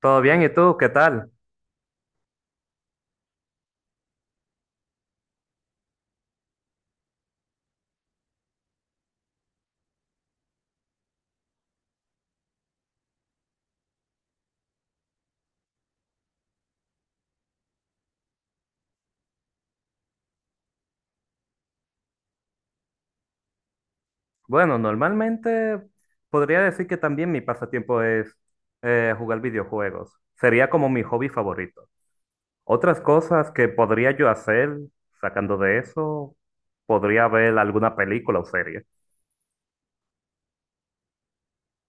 Todo bien, ¿y tú qué tal? Bueno, normalmente podría decir que también mi pasatiempo es jugar videojuegos. Sería como mi hobby favorito. Otras cosas que podría yo hacer sacando de eso, podría ver alguna película o serie.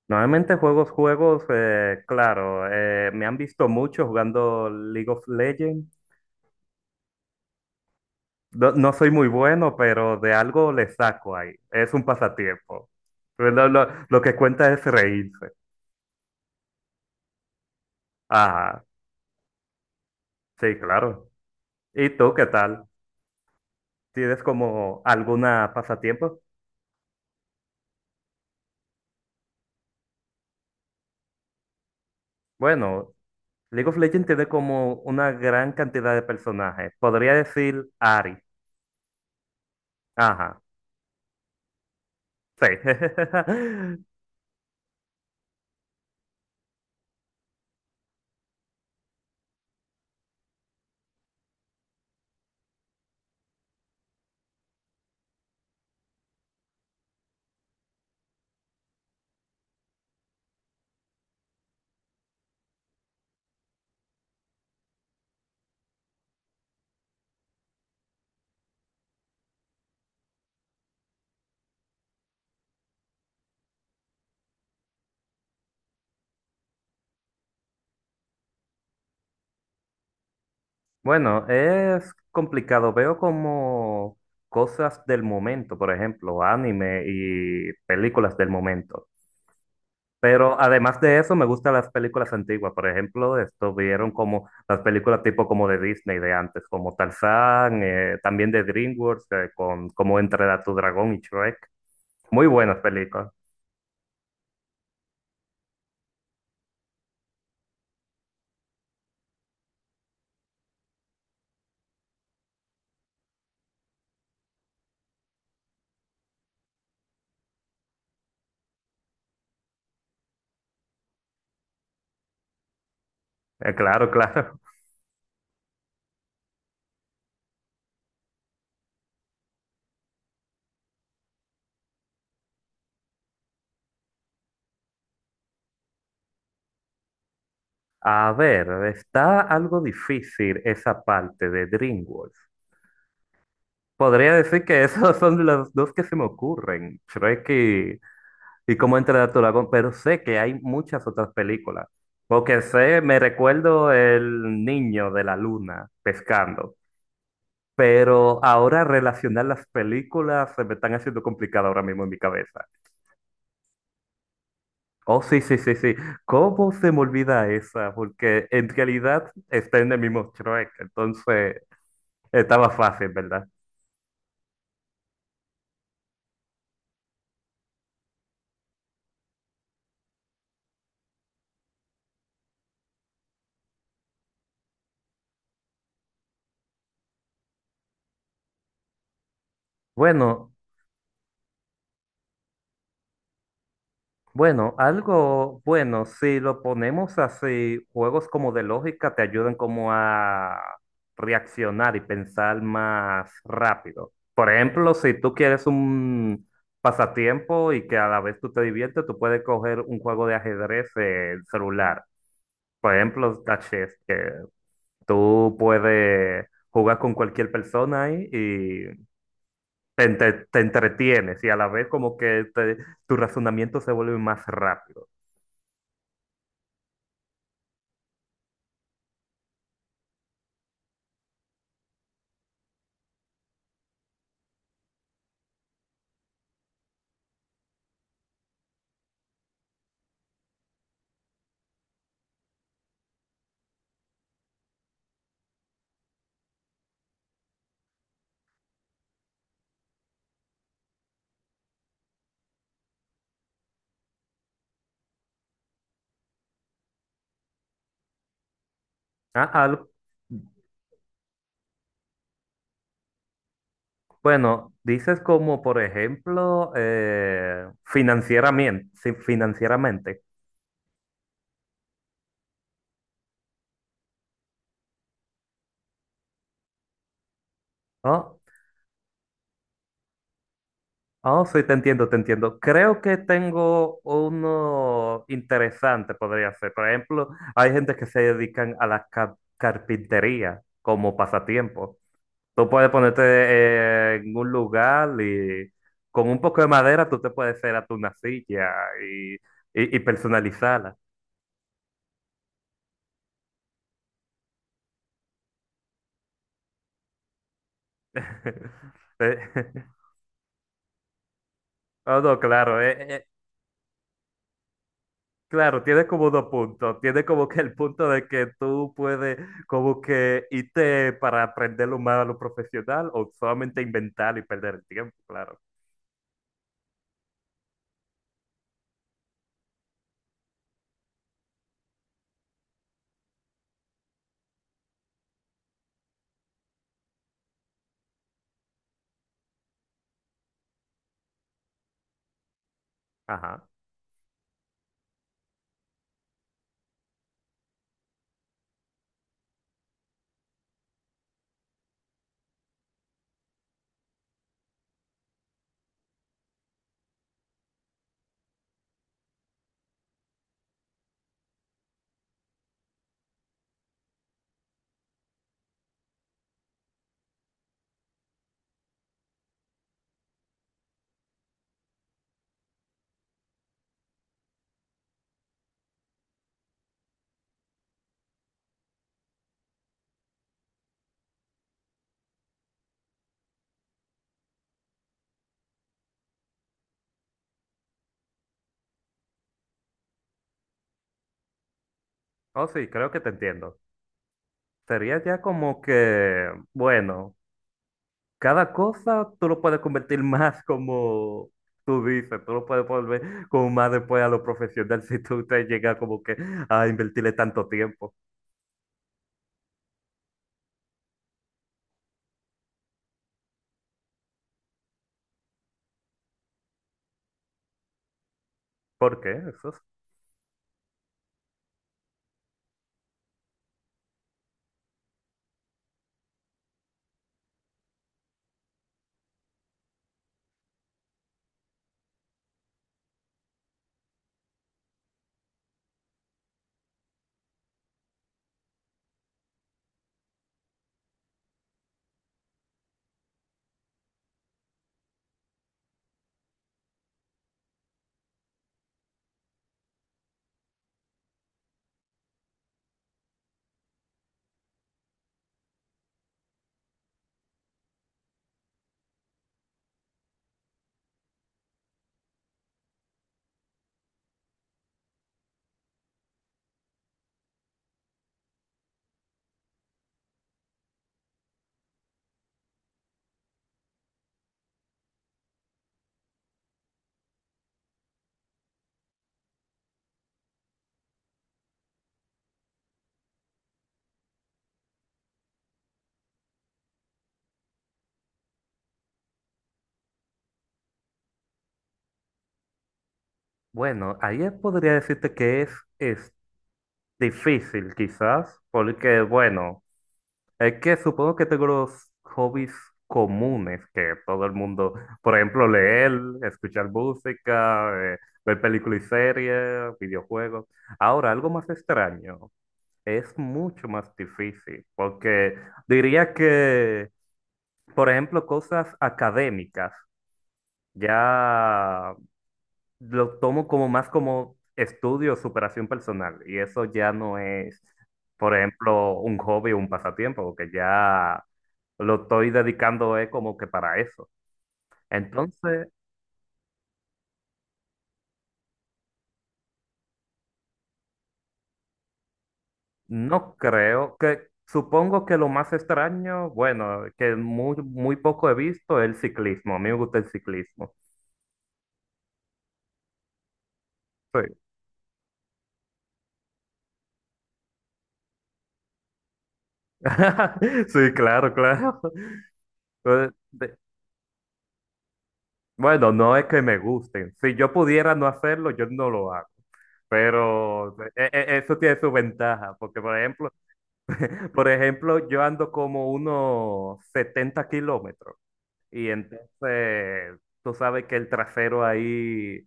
Normalmente juegos, claro, me han visto mucho jugando League of Legends. No, no soy muy bueno, pero de algo le saco ahí. Es un pasatiempo. Lo que cuenta es reírse. Ajá. Sí, claro. ¿Y tú qué tal? ¿Tienes como alguna pasatiempo? Bueno, League of Legends tiene como una gran cantidad de personajes. Podría decir Ari. Ajá, sí. Bueno, es complicado. Veo como cosas del momento, por ejemplo, anime y películas del momento. Pero además de eso, me gustan las películas antiguas. Por ejemplo, esto vieron como las películas tipo como de Disney de antes, como Tarzán, también de DreamWorks, con Cómo entrenar a tu dragón y Shrek. Muy buenas películas. Claro, claro. A ver, está algo difícil esa parte de DreamWorks. Podría decir que esos son los dos que se me ocurren, Shrek y cómo entrenar a tu dragón, pero sé que hay muchas otras películas. Porque sé, me recuerdo el niño de la luna pescando. Pero ahora relacionar las películas se me están haciendo complicado ahora mismo en mi cabeza. Oh, sí, sí, sí, sí. ¿Cómo se me olvida esa? Porque en realidad está en el mismo Shrek. Entonces estaba fácil, ¿verdad? Bueno, Bueno, algo bueno, si lo ponemos así, juegos como de lógica te ayudan como a reaccionar y pensar más rápido. Por ejemplo, si tú quieres un pasatiempo y que a la vez tú te diviertes, tú puedes coger un juego de ajedrez en celular. Por ejemplo, está chess, que tú puedes jugar con cualquier persona ahí y te entretienes y a la vez como que tu razonamiento se vuelve más rápido. Ah, al- bueno, dices como, por ejemplo, financieramente, sí, financieramente. Oh, oh, sí, te entiendo, te entiendo. Creo que tengo uno interesante, podría ser. Por ejemplo, hay gente que se dedican a la carpintería como pasatiempo. Tú puedes ponerte en un lugar y con un poco de madera tú te puedes hacer hasta una silla y, y y personalizarla. Eh, No, no, claro, tiene como dos puntos. Tiene como que el punto de que tú puedes como que irte para aprender lo más a lo profesional o solamente inventar y perder el tiempo, claro. Ajá. Oh, sí, creo que te entiendo. Sería ya como que, bueno, cada cosa tú lo puedes convertir más como tú dices, tú lo puedes volver como más después a lo profesional si tú te llegas como que a invertirle tanto tiempo. ¿Por qué? Eso bueno, ahí podría decirte que es difícil quizás, porque bueno, es que supongo que tengo los hobbies comunes que todo el mundo, por ejemplo, leer, escuchar música, ver películas y series, videojuegos. Ahora, algo más extraño, es mucho más difícil, porque diría que, por ejemplo, cosas académicas, ya lo tomo como más como estudio, superación personal, y eso ya no es, por ejemplo, un hobby o un pasatiempo, porque ya lo estoy dedicando es como que para eso. Entonces, no creo que, supongo que lo más extraño, bueno, que muy, muy poco he visto, es el ciclismo. A mí me gusta el ciclismo. Sí, sí, claro, claro. Eh, de- Bueno, no es que me gusten. Si yo pudiera no hacerlo, yo no lo hago. Pero eso tiene su ventaja, porque por ejemplo, yo ando como unos 70 kilómetros y entonces tú sabes que el trasero ahí,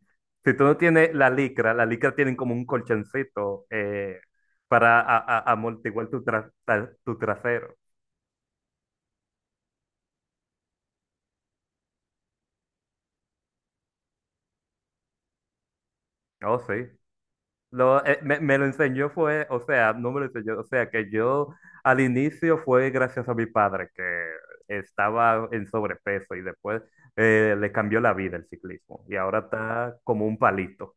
si tú no tienes la licra tienen como un colchoncito para amortiguar tu trasero. Oh, sí. Me lo enseñó fue, o sea, no me lo enseñó, o sea, que yo al inicio fue gracias a mi padre que estaba en sobrepeso y después le cambió la vida el ciclismo y ahora está como un palito.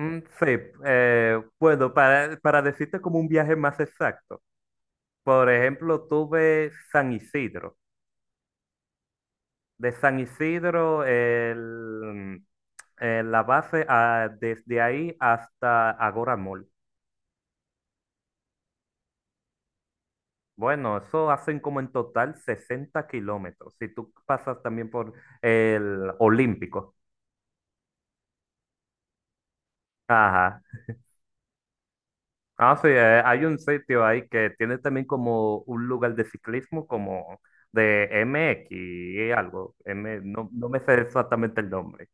Sí, bueno, para decirte como un viaje más exacto, por ejemplo, tuve San Isidro. De San Isidro, la base, ah, desde ahí hasta Agora Mall. Bueno, eso hacen como en total 60 kilómetros. Si tú pasas también por el Olímpico. Ajá. Ah, sí, hay un sitio ahí que tiene también como un lugar de ciclismo, como de MX y algo. No, no me sé exactamente el nombre.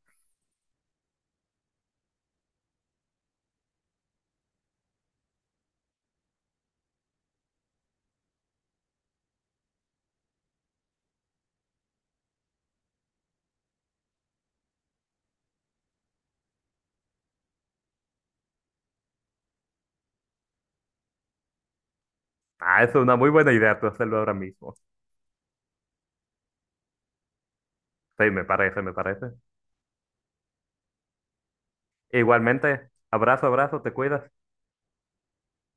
Ah, es una muy buena idea tú hacerlo ahora mismo. Sí, me parece, me parece. Igualmente, abrazo, abrazo, te cuidas.